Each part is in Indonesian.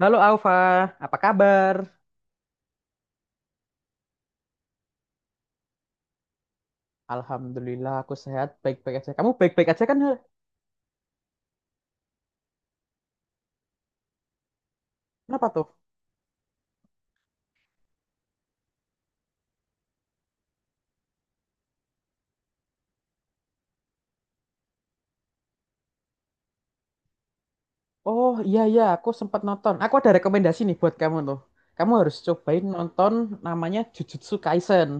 Halo Alfa, apa kabar? Alhamdulillah aku sehat, baik-baik aja. Kamu baik-baik aja kan? Hel? Kenapa tuh? Oh iya iya, aku sempat nonton. Aku ada rekomendasi nih buat kamu tuh. Kamu harus cobain nonton namanya Jujutsu Kaisen.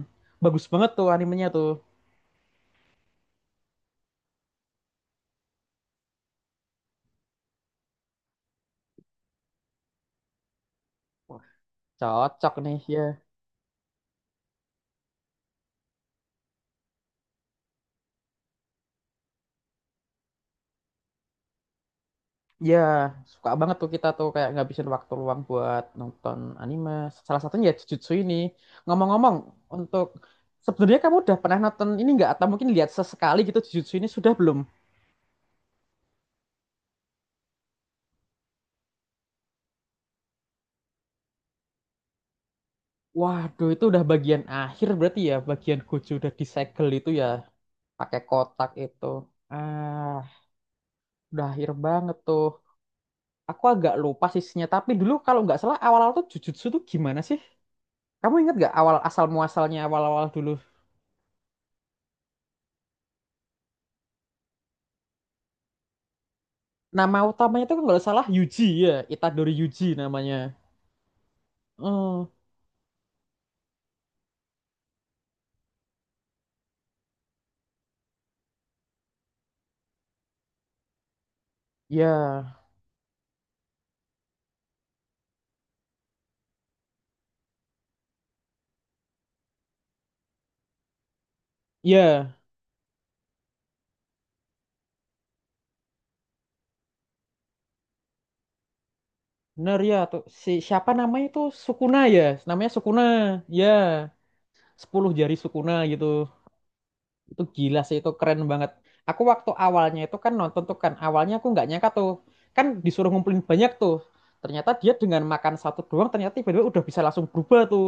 Bagus banget tuh animenya tuh. Wah, cocok nih ya. Ya, suka banget tuh kita tuh kayak ngabisin waktu luang buat nonton anime. Salah satunya ya Jujutsu ini. Ngomong-ngomong, untuk sebenarnya kamu udah pernah nonton ini nggak? Atau mungkin lihat sesekali gitu Jujutsu ini sudah belum? Waduh, itu udah bagian akhir berarti ya, bagian Gojo udah disegel itu ya, pakai kotak itu. Ah, udah akhir banget tuh. Aku agak lupa sisinya, tapi dulu kalau nggak salah awal-awal tuh Jujutsu tuh gimana sih? Kamu ingat nggak awal asal muasalnya awal-awal dulu? Nama utamanya tuh kalau nggak salah Yuji ya, Itadori Yuji namanya. Oh, ya, ya, bener ya tuh. Si siapa namanya itu Sukuna ya, namanya Sukuna, ya, sepuluh jari Sukuna gitu. Itu gila sih, itu keren banget. Aku waktu awalnya itu kan nonton tuh kan, awalnya aku nggak nyangka tuh. Kan disuruh ngumpulin banyak tuh. Ternyata dia dengan makan satu doang, ternyata tiba-tiba udah bisa langsung berubah tuh.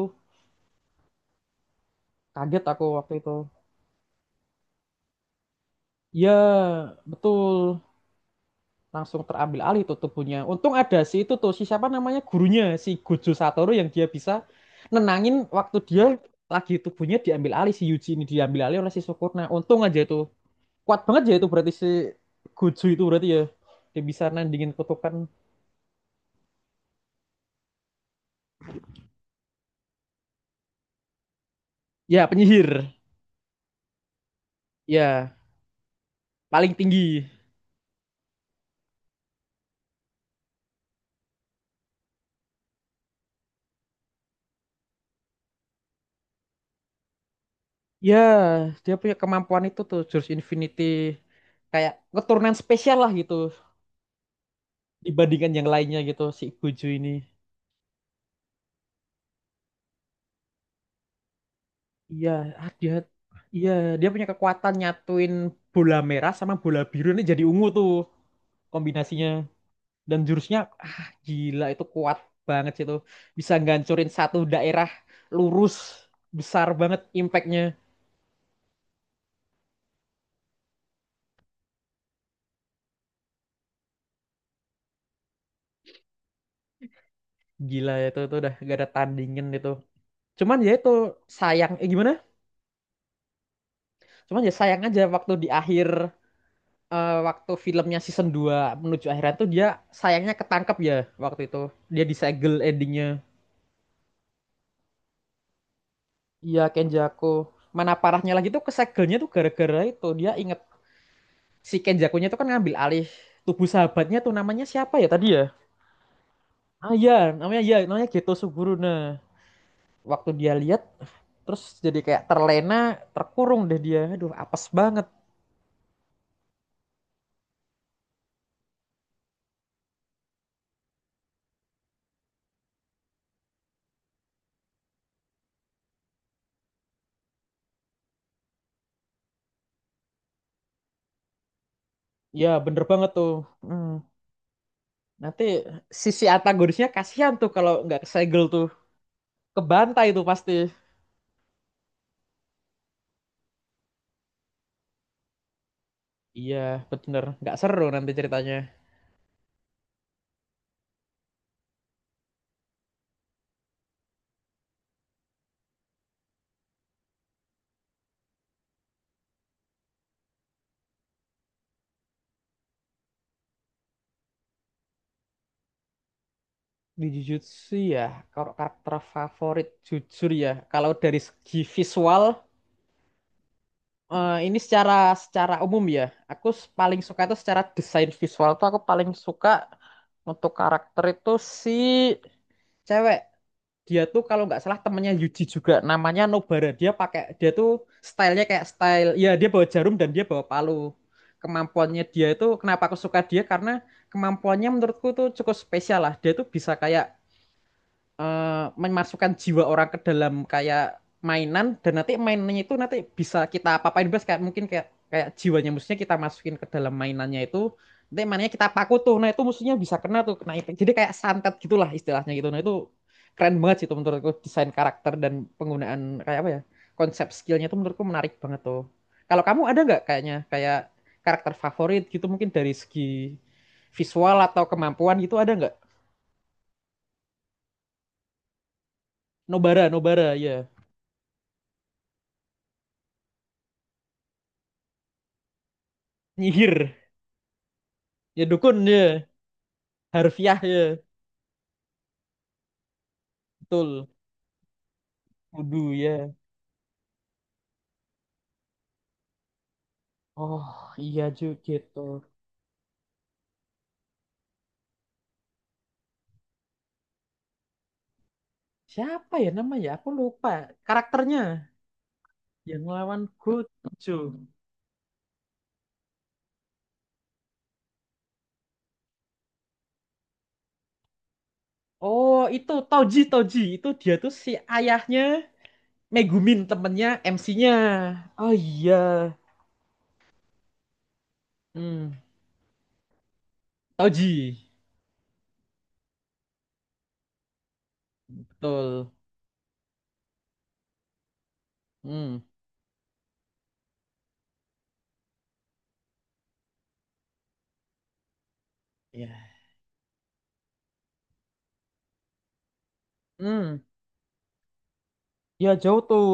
Kaget aku waktu itu. Ya, betul. Langsung terambil alih tuh tubuhnya. Untung ada si itu tuh, si siapa namanya gurunya, si Gojo Satoru yang dia bisa nenangin waktu dia lagi tubuhnya diambil alih, si Yuji ini diambil alih oleh si Sukuna. Untung aja itu. Kuat banget ya itu berarti si Gojo itu berarti ya, dia bisa nandingin kutukan ya, penyihir ya paling tinggi, ya dia punya kemampuan itu tuh jurus Infinity kayak keturunan spesial lah gitu dibandingkan yang lainnya gitu si Gojo ini. Iya, ah, dia iya dia punya kekuatan nyatuin bola merah sama bola biru ini jadi ungu tuh kombinasinya dan jurusnya, ah, gila itu kuat banget sih itu bisa ngancurin satu daerah lurus besar banget impactnya. Gila ya, itu udah gak ada tandingin itu cuman ya itu sayang eh gimana cuman ya sayang aja waktu di akhir, eh, waktu filmnya season 2 menuju akhiran tuh dia sayangnya ketangkep ya waktu itu dia disegel endingnya. Iya Kenjaku, mana parahnya lagi tuh kesegelnya tuh gara-gara itu dia inget si Kenjakunya tuh kan ngambil alih tubuh sahabatnya tuh namanya siapa ya tadi ya. Ah iya, namanya Geto Suguru. Nah, waktu dia lihat, terus jadi kayak terlena, terkurung deh dia. Aduh, apes banget. Ya, bener banget tuh. Hmm. Nanti sisi antagonisnya kasihan tuh kalau nggak kesegel tuh. Kebantai tuh pasti. Iya, bener. Nggak seru nanti ceritanya. Di Jujutsu ya, kalau karakter favorit jujur ya. Kalau dari segi visual, eh, ini secara secara umum ya. Aku paling suka itu secara desain visual tuh aku paling suka untuk karakter itu si cewek. Dia tuh kalau nggak salah temennya Yuji juga namanya Nobara. Dia pakai, dia tuh stylenya kayak style ya, dia bawa jarum dan dia bawa palu. Kemampuannya dia itu, kenapa aku suka dia karena kemampuannya menurutku tuh cukup spesial lah. Dia tuh bisa kayak memasukkan jiwa orang ke dalam kayak mainan, dan nanti mainannya itu nanti bisa kita apa-apain bebas, kayak mungkin kayak kayak jiwanya musuhnya kita masukin ke dalam mainannya itu, nanti mainannya kita paku tuh, nah itu musuhnya bisa kena tuh, kena impact, jadi kayak santet gitulah istilahnya gitu. Nah itu keren banget sih itu, menurutku desain karakter dan penggunaan, kayak apa ya, konsep skillnya itu menurutku menarik banget tuh. Kalau kamu ada nggak kayaknya kayak karakter favorit gitu mungkin dari segi visual atau kemampuan gitu, ada nggak? Nobara Nobara ya, nyihir. Ya dukun ya, harfiah ya, betul. Kudu ya. Oh iya juga gitu. Siapa ya namanya? Aku lupa karakternya. Yang lawan Gojo. Oh itu Toji, Toji itu dia tuh si ayahnya Megumin temennya MC-nya. Oh iya. Hmm. Toji betul. Hmm. Ya. Hmm. Ya jauh tuh.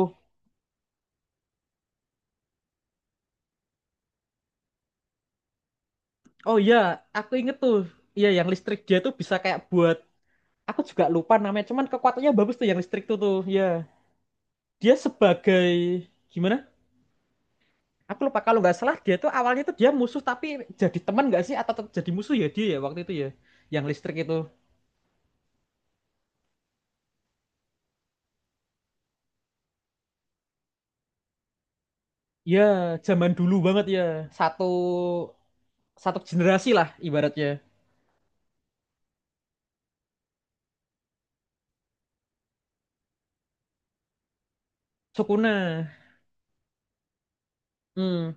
Oh iya, aku inget tuh. Iya yang listrik dia tuh bisa kayak buat, aku juga lupa namanya cuman kekuatannya bagus tuh yang listrik tuh tuh ya. Dia sebagai gimana, aku lupa, kalau nggak salah dia tuh awalnya tuh dia musuh tapi jadi teman nggak sih, atau tetap jadi musuh ya dia ya waktu itu ya yang listrik itu. Ya zaman dulu banget ya, satu satu generasi lah ibaratnya. Sukuna. Hmm.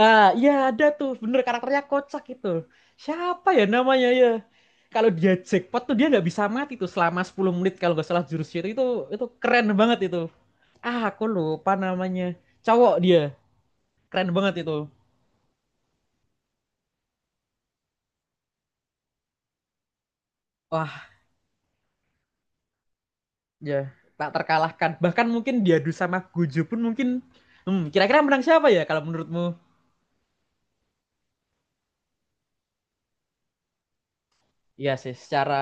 Ah iya ada tuh, bener karakternya kocak itu, siapa ya namanya ya, kalau dia jackpot tuh dia nggak bisa mati tuh selama 10 menit kalau nggak salah jurusnya itu. Itu keren banget itu. Ah, aku lupa namanya. Cowok dia. Keren banget itu. Wah, ya. Tak terkalahkan. Bahkan mungkin diadu sama Gojo pun mungkin... Hmm, kira-kira menang siapa ya kalau menurutmu? Iya sih, secara...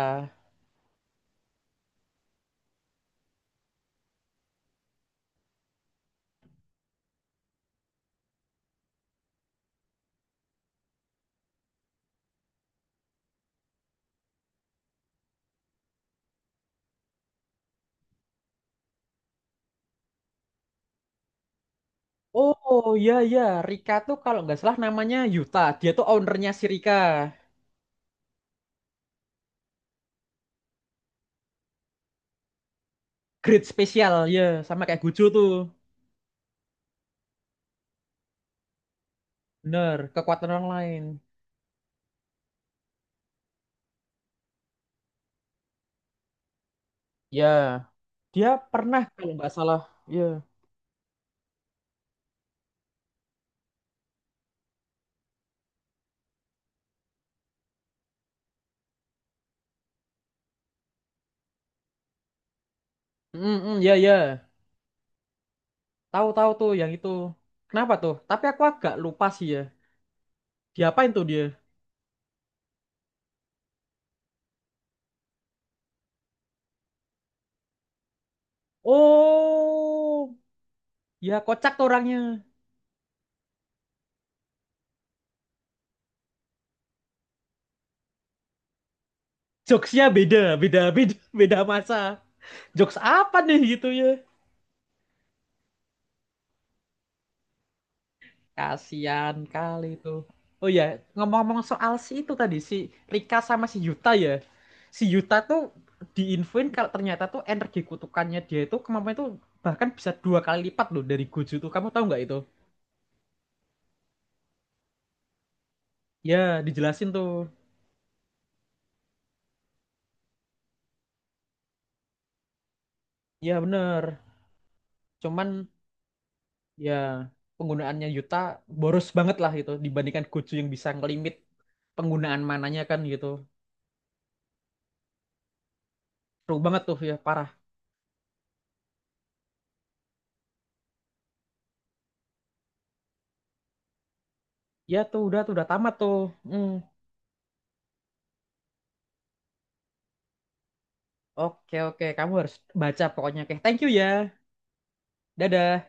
Oh, iya, iya. Rika tuh kalau nggak salah namanya Yuta. Dia tuh ownernya si Rika. Grade spesial, ya. Sama kayak Gojo tuh. Bener, kekuatan orang lain. Ya, dia pernah kalau nggak salah. Ya. Mm, mm, ya, ya. Tahu-tahu tuh yang itu. Kenapa tuh? Tapi aku agak lupa sih ya. Diapain tuh dia? Oh, ya kocak tuh orangnya. Jokesnya beda, beda, beda, beda masa. Jokes apa nih gitu ya? Kasian kali tuh. Oh ya, ngomong-ngomong soal si itu tadi, si Rika sama si Yuta ya. Si Yuta tuh diinfoin kalau ternyata tuh energi kutukannya dia itu kemampuannya tuh bahkan bisa 2 kali lipat loh dari Gojo tuh. Kamu tahu nggak itu? Ya, dijelasin tuh. Ya bener. Cuman ya penggunaannya Yuta boros banget lah gitu dibandingkan Gojo yang bisa ngelimit penggunaan mananya kan gitu. Seru banget tuh ya parah. Ya tuh udah tamat tuh. Hmm. Oke oke kamu harus baca pokoknya. Oke, thank you ya. Dadah.